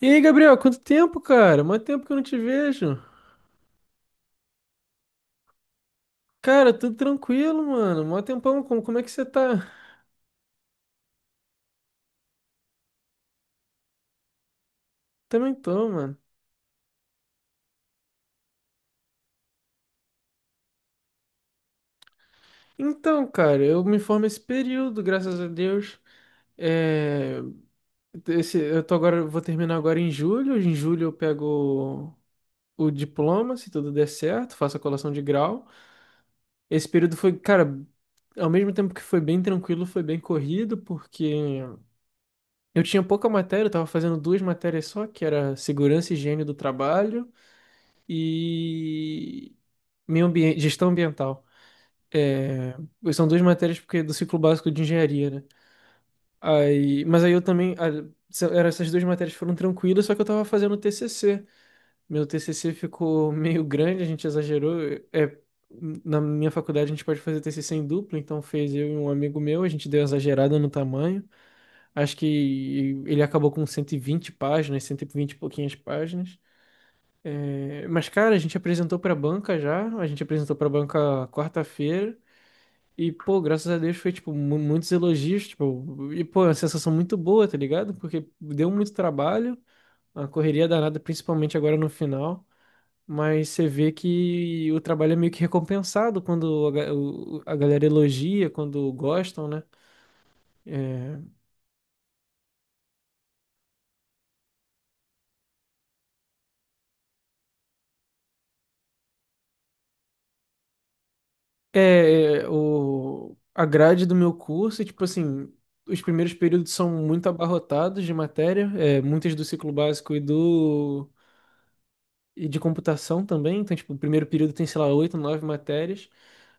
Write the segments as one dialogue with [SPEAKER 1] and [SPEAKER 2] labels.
[SPEAKER 1] E aí, Gabriel, quanto tempo, cara? Mó tempo que eu não te vejo. Cara, tudo tranquilo, mano. Mó tempão, como é que você tá? Também tô, mano. Então, cara, eu me formo esse período, graças a Deus. É, eu tô agora, vou terminar agora em julho. Em julho eu pego o diploma, se tudo der certo, faço a colação de grau. Esse período foi, cara, ao mesmo tempo que foi bem tranquilo, foi bem corrido, porque eu tinha pouca matéria, eu tava fazendo duas matérias só, que era segurança e higiene do trabalho e meio ambiente, gestão ambiental. É, são duas matérias porque é do ciclo básico de engenharia, né? Aí, mas aí eu também, ah, essas duas matérias foram tranquilas, só que eu tava fazendo TCC. Meu TCC ficou meio grande, a gente exagerou. É, na minha faculdade a gente pode fazer TCC em dupla, então fez eu e um amigo meu, a gente deu exagerada no tamanho. Acho que ele acabou com 120 páginas, 120 e vinte e pouquinhas páginas. É, mas, cara, a gente apresentou pra banca já, a gente apresentou pra banca quarta-feira, e, pô, graças a Deus foi, tipo, muitos elogios, tipo, e, pô, é uma sensação muito boa, tá ligado? Porque deu muito trabalho, a correria danada, principalmente agora no final, mas você vê que o trabalho é meio que recompensado quando a galera elogia, quando gostam, né? É, é, é, o, a grade do meu curso, é, tipo assim, os primeiros períodos são muito abarrotados de matéria, é, muitas do ciclo básico e de computação também. Então, tipo, o primeiro período tem, sei lá, oito, nove matérias.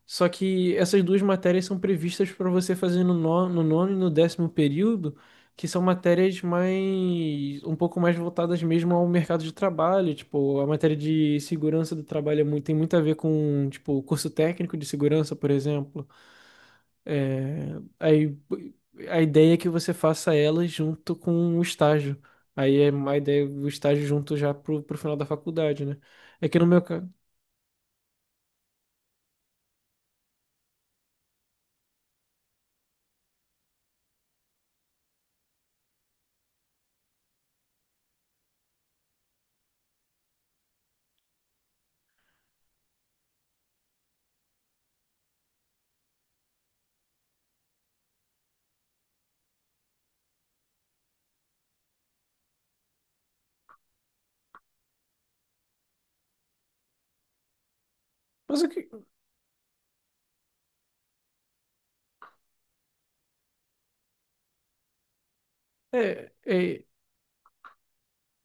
[SPEAKER 1] Só que essas duas matérias são previstas para você fazer no nono e no décimo período, que são matérias mais um pouco mais voltadas mesmo ao mercado de trabalho. Tipo, a matéria de segurança do trabalho é tem muito a ver com, tipo, o curso técnico de segurança, por exemplo. É, aí a ideia é que você faça ela junto com o estágio. Aí é a ideia, o estágio junto já pro, pro final da faculdade, né? É que no meu caso. Mas o que. É, é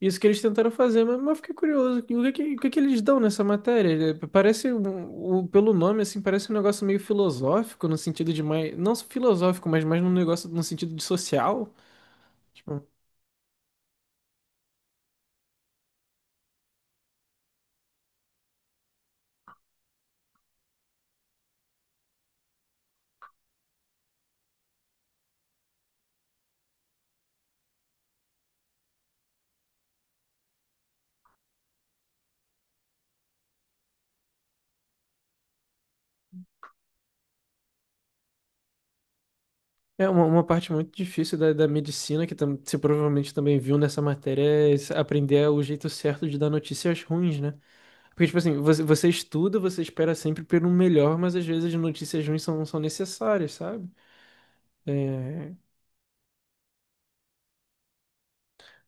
[SPEAKER 1] isso que eles tentaram fazer, mas eu fiquei curioso. O o que que eles dão nessa matéria? É, parece, pelo nome, assim, parece um negócio meio filosófico, no sentido de mais. Não filosófico, mas mais num negócio no sentido de social. Tipo, é uma parte muito difícil da, da medicina, que tam, você provavelmente também viu nessa matéria, é aprender o jeito certo de dar notícias ruins, né? Porque, tipo assim, você, você estuda, você espera sempre pelo melhor, mas às vezes as notícias ruins são, são necessárias, sabe? É...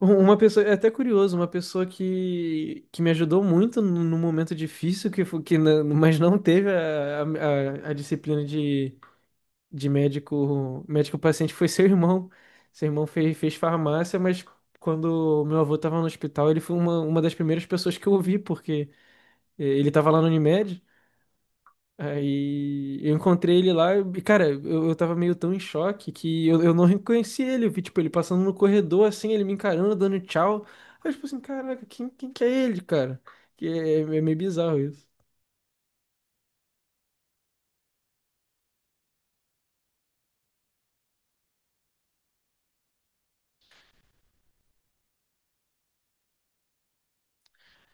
[SPEAKER 1] Uma pessoa, é até curioso, uma pessoa que me ajudou muito num num momento difícil, que, mas não teve a, a disciplina de médico, médico paciente foi seu irmão. Seu irmão fez, fez farmácia, mas quando meu avô estava no hospital, ele foi uma das primeiras pessoas que eu ouvi, porque ele estava lá no Unimed. Aí eu encontrei ele lá e, cara, eu tava meio tão em choque que eu não reconheci ele. Eu vi, tipo, ele passando no corredor, assim, ele me encarando, dando tchau. Aí, eu, tipo assim, caraca, quem que é ele, cara? Que é, é meio bizarro isso.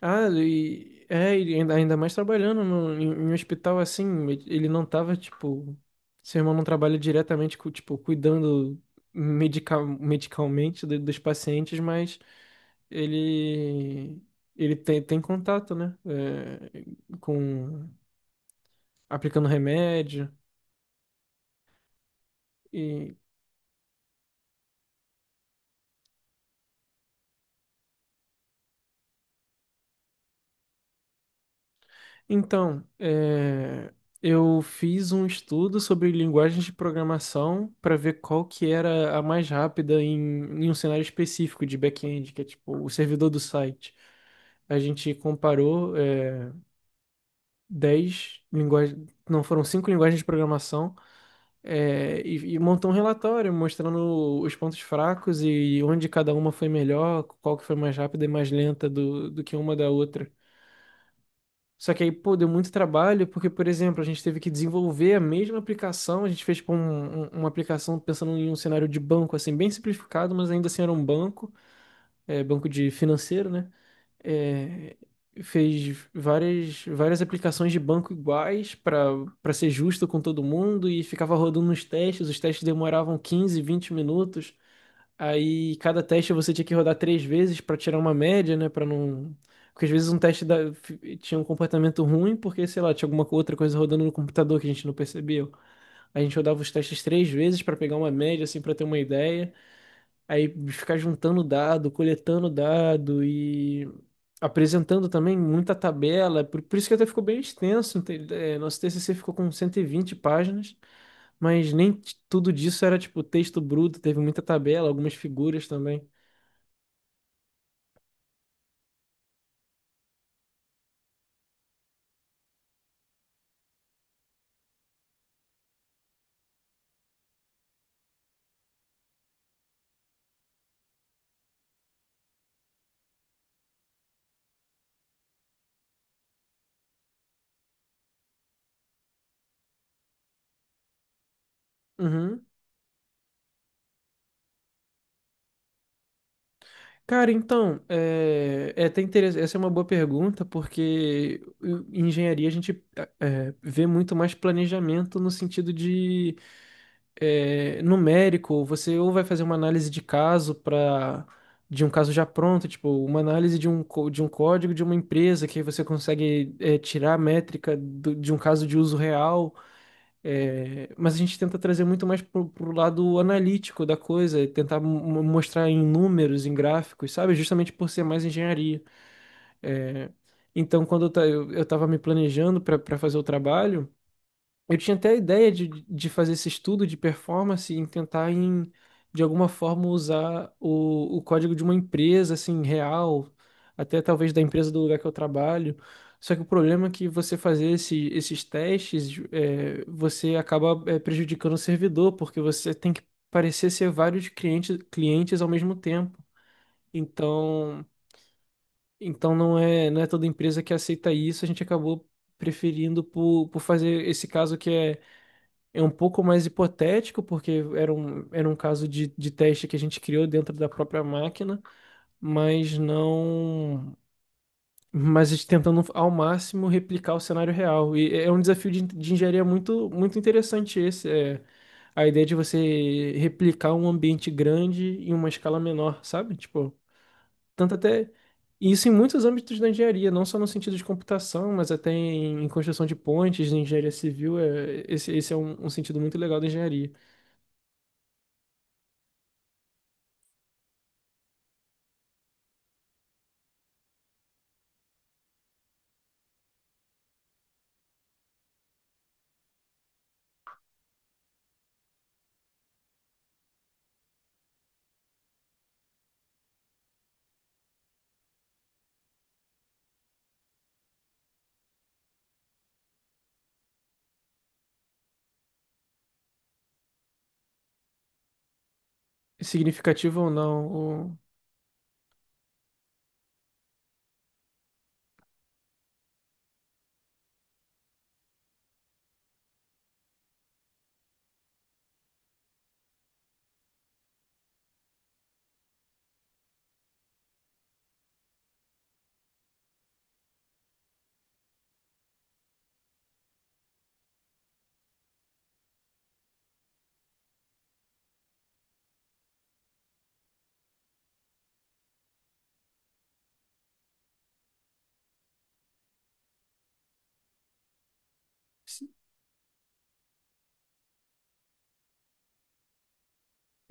[SPEAKER 1] Ah, e, é, e ainda, ainda mais trabalhando no, em, em um hospital assim, ele não tava, tipo, seu irmão não trabalha diretamente, tipo, cuidando medicalmente dos pacientes, mas ele, ele tem, tem contato, né? É, com, aplicando remédio. Então, é, eu fiz um estudo sobre linguagens de programação para ver qual que era a mais rápida em, em um cenário específico de back-end, que é tipo o servidor do site. A gente comparou é, 10 linguagens, não, foram cinco linguagens de programação é, e montou um relatório mostrando os pontos fracos e onde cada uma foi melhor, qual que foi mais rápida e mais lenta do, do que uma da outra. Só que aí, pô, deu muito trabalho, porque, por exemplo, a gente teve que desenvolver a mesma aplicação, a gente fez, tipo, uma aplicação pensando em um cenário de banco, assim, bem simplificado, mas ainda assim era um banco, é, banco de financeiro, né? É, fez várias, várias aplicações de banco iguais para para ser justo com todo mundo e ficava rodando os testes demoravam 15 20 minutos. Aí cada teste você tinha que rodar três vezes pra tirar uma média, né? Para não. Porque às vezes um teste tinha um comportamento ruim, porque, sei lá, tinha outra coisa rodando no computador que a gente não percebeu. A gente rodava os testes três vezes pra pegar uma média, assim, pra ter uma ideia. Aí ficar juntando dado, coletando dado e apresentando também muita tabela. Por isso que até ficou bem extenso. Nosso TCC ficou com 120 páginas, mas nem t- tudo disso era, tipo, texto bruto. Teve muita tabela, algumas figuras também. Uhum. Cara, então, é, é até interessante. Essa é uma boa pergunta, porque em engenharia a gente é, vê muito mais planejamento no sentido de é, numérico. Você ou vai fazer uma análise de caso para de um caso já pronto, tipo, uma análise de um, de um código de uma empresa, que aí você consegue é, tirar a métrica de um caso de uso real. É, mas a gente tenta trazer muito mais pro, pro lado analítico da coisa, e tentar mostrar em números, em gráficos, sabe? Justamente por ser mais engenharia. É, então, quando eu, eu tava me planejando para fazer o trabalho, eu tinha até a ideia de fazer esse estudo de performance e tentar em, de alguma forma usar o código de uma empresa assim real, até talvez da empresa do lugar que eu trabalho. Só que o problema é que você fazer esses testes, é, você acaba é, prejudicando o servidor, porque você tem que parecer ser vários clientes, clientes ao mesmo tempo. Então, então não é, não é toda empresa que aceita isso, a gente acabou preferindo por fazer esse caso que é é um pouco mais hipotético, porque era um caso de teste que a gente criou dentro da própria máquina, mas não. Mas a gente tentando ao máximo replicar o cenário real. E é é um desafio de engenharia muito, muito interessante esse. É a ideia de você replicar um ambiente grande em uma escala menor, sabe? Tipo, tanto até. E isso em muitos âmbitos da engenharia, não só no sentido de computação, mas até em, em construção de pontes, em engenharia civil. É, esse é um um sentido muito legal da engenharia. Significativo ou não. Si-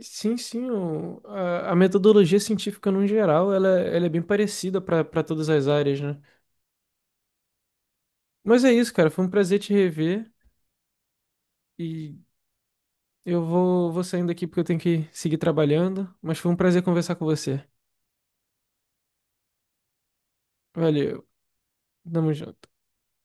[SPEAKER 1] Sim, sim, a metodologia científica no geral, ela é bem parecida para para todas as áreas, né? Mas é isso, cara, foi um prazer te rever e eu vou, vou saindo aqui porque eu tenho que seguir trabalhando, mas foi um prazer conversar com você. Valeu, tamo junto.